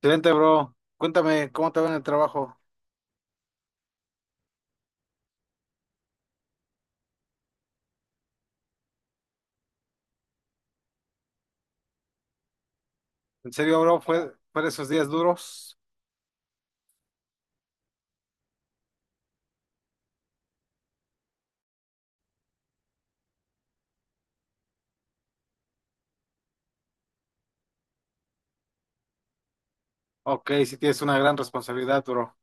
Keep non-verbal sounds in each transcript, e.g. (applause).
Excelente, bro. Cuéntame, ¿cómo te va en el trabajo? ¿En serio, bro? ¿Fue de esos días duros? Ok, sí tienes una gran responsabilidad, bro.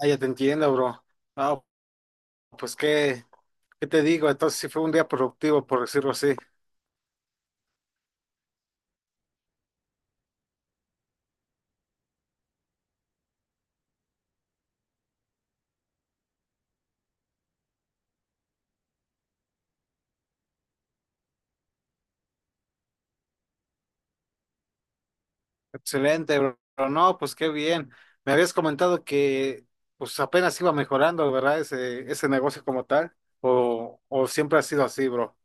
Ah, ya te entiendo, bro. Ah, pues ¿qué te digo? Entonces sí fue un día productivo, por decirlo así. Excelente, bro. No, pues qué bien. Me habías comentado que pues apenas iba mejorando, ¿verdad? Ese negocio como tal. O siempre ha sido así, bro.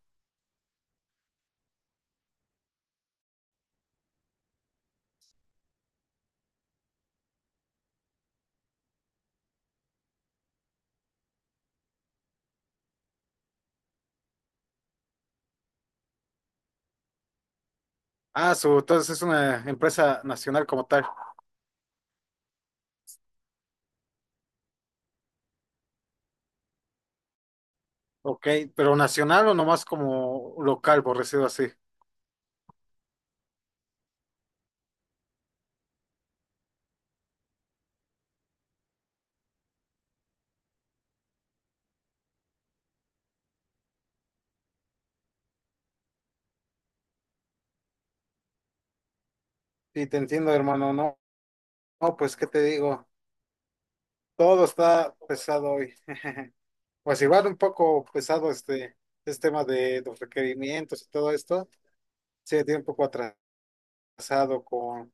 Ah, entonces es una empresa nacional como tal. Ok, pero nacional o nomás como local, por decirlo así. Sí, te entiendo, hermano. No, no, pues qué te digo, todo está pesado hoy. (laughs) Pues igual un poco pesado este tema de los requerimientos y todo esto. Sí, tiene un poco atrasado con,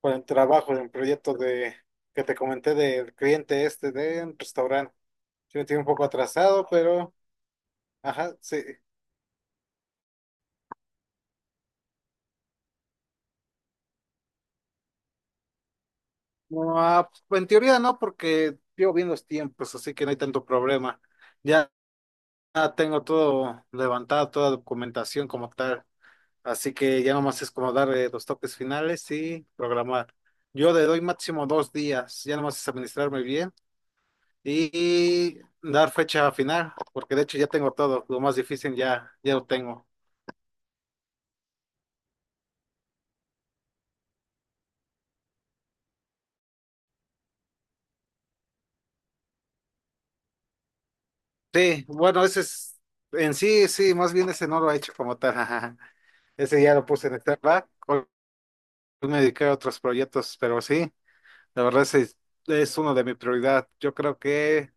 con el trabajo del proyecto de que te comenté del cliente este de un restaurante. Sí, me tiene un poco atrasado, pero ajá, sí. No, pues, en teoría no, porque llevo bien los tiempos, así que no hay tanto problema. Ya tengo todo levantado, toda documentación como tal. Así que ya nomás es como dar los toques finales y programar. Yo le doy máximo dos días, ya nomás es administrarme bien y, dar fecha final, porque de hecho ya tengo todo, lo más difícil ya lo tengo. Sí, bueno, ese es, en sí, sí, más bien ese no lo he hecho como tal, (laughs) ajá. Ese ya lo puse en back. Hoy me dediqué a otros proyectos, pero sí, la verdad ese es, uno de mi prioridad. Yo creo que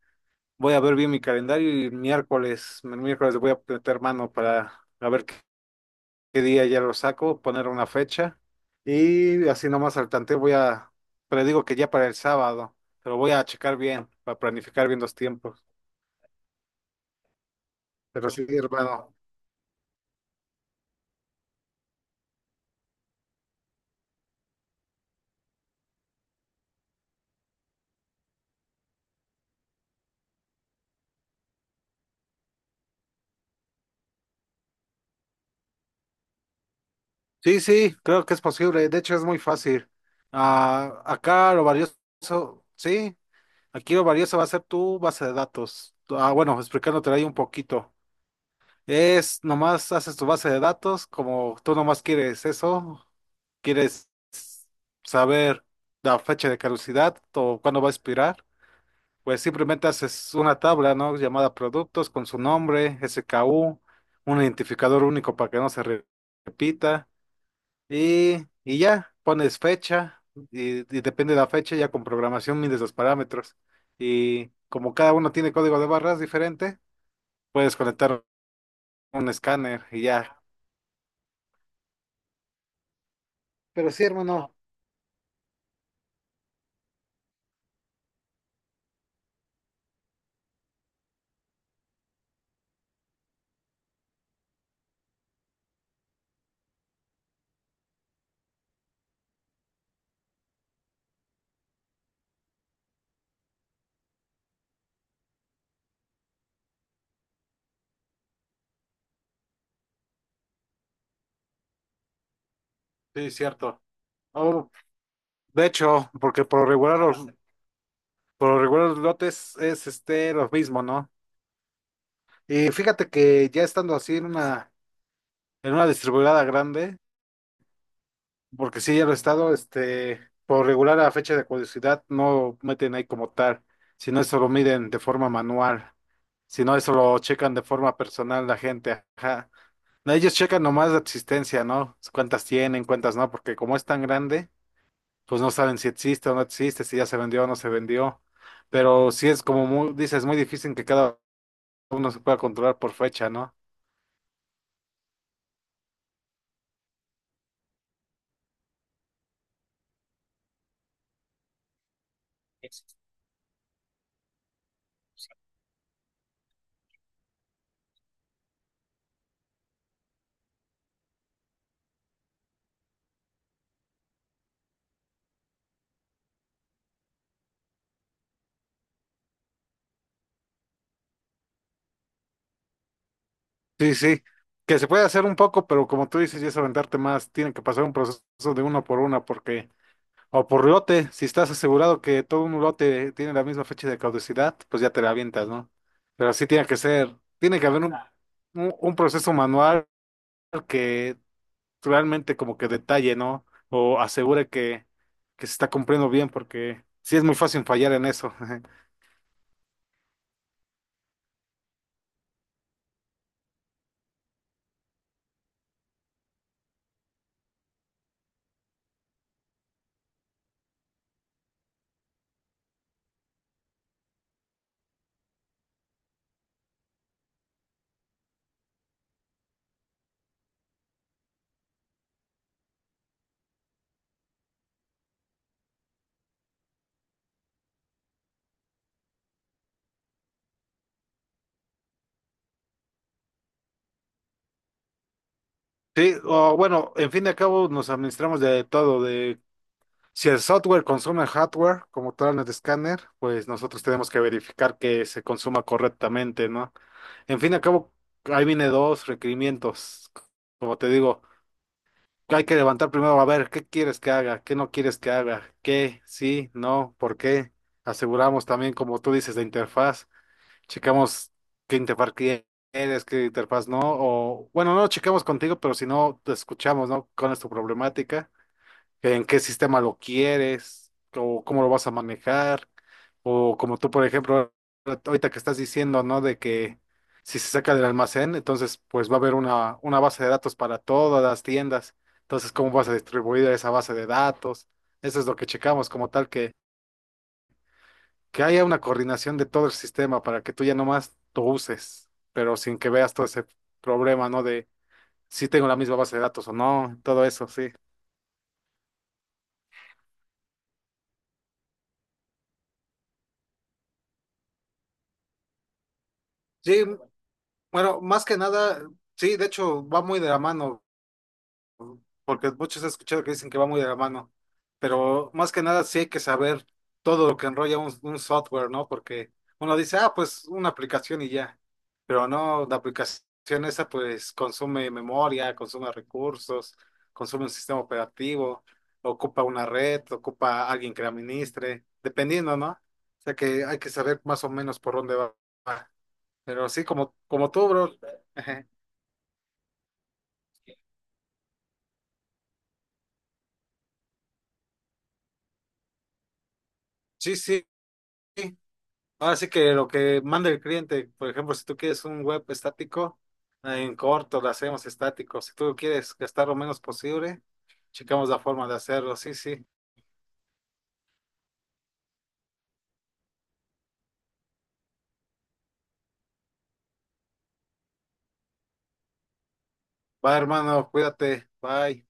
voy a ver bien mi calendario y el miércoles le voy a meter mano para a ver qué día ya lo saco, poner una fecha y así nomás al tanteo voy a, pero digo que ya para el sábado, pero voy a checar bien, para planificar bien los tiempos. Pero sí, hermano. Sí, sí, creo que es posible, de hecho es muy fácil. Ah, acá lo valioso, sí, aquí lo valioso va a ser tu base de datos. Ah, bueno, explicándote ahí un poquito. Es nomás haces tu base de datos, como tú nomás quieres eso, quieres saber la fecha de caducidad o cuándo va a expirar, pues simplemente haces una tabla, ¿no? Llamada productos con su nombre, SKU, un identificador único para que no se repita y ya pones fecha y depende de la fecha, ya con programación mides los parámetros y como cada uno tiene código de barras diferente, puedes conectar un escáner y ya. Pero sí, hermano. Sí, cierto. Oh, de hecho, porque por lo regular los, por lo regular los lotes es este lo mismo, ¿no? Y fíjate que ya estando así en una distribuidora grande, porque sí ya lo he estado, este, por lo regular a fecha de caducidad no meten ahí como tal, sino eso lo miden de forma manual, sino eso lo checan de forma personal la gente, ajá. No, ellos checan nomás la existencia, ¿no? Cuántas tienen, cuántas no, porque como es tan grande, pues no saben si existe o no existe, si ya se vendió o no se vendió. Pero sí es como muy, dices, muy difícil que cada uno se pueda controlar por fecha, ¿no? Sí, sí, que se puede hacer un poco, pero como tú dices, ya es aventarte más, tiene que pasar un proceso de uno por una, porque, o por lote, si estás asegurado que todo un lote tiene la misma fecha de caducidad, pues ya te la avientas, ¿no? Pero sí tiene que ser, tiene que haber un proceso manual que realmente como que detalle, ¿no? O asegure que se está cumpliendo bien, porque sí es muy fácil fallar en eso. (laughs) Sí, o bueno, en fin de al cabo nos administramos de todo, de si el software consume el hardware, como tal en el escáner, pues nosotros tenemos que verificar que se consuma correctamente, ¿no? En fin de al cabo, ahí viene dos requerimientos. Como te digo, hay que levantar primero a ver qué quieres que haga, qué no quieres que haga, qué, sí, no, por qué. Aseguramos también, como tú dices, de interfaz. Checamos qué interfaz quieres, qué interfaz no. O bueno, no lo checamos contigo, pero si no, te escuchamos, ¿no? ¿Cuál es tu problemática? En qué sistema lo quieres, o cómo lo vas a manejar, o como tú, por ejemplo, ahorita que estás diciendo, ¿no? De que si se saca del almacén, entonces pues va a haber una base de datos para todas las tiendas. Entonces, ¿cómo vas a distribuir esa base de datos? Eso es lo que checamos como tal, que haya una coordinación de todo el sistema para que tú ya nomás lo uses, pero sin que veas todo ese problema, ¿no? De si tengo la misma base de datos o no, todo eso, sí. Sí, bueno, más que nada, sí, de hecho va muy de la mano, porque muchos he escuchado que dicen que va muy de la mano, pero más que nada sí hay que saber todo lo que enrolla un software, ¿no? Porque uno dice, ah, pues una aplicación y ya, pero no, la aplicación esa pues consume memoria, consume recursos, consume un sistema operativo, ocupa una red, ocupa alguien que la administre, dependiendo, ¿no? O sea que hay que saber más o menos por dónde va. Pero sí, como tú, bro. (laughs) Sí, sí. Ahora sí que lo que manda el cliente, por ejemplo, si tú quieres un web estático, en corto lo hacemos estático. Si tú quieres gastar lo menos posible, checamos la forma de hacerlo. Sí, sí. Va, hermano, cuídate. Bye.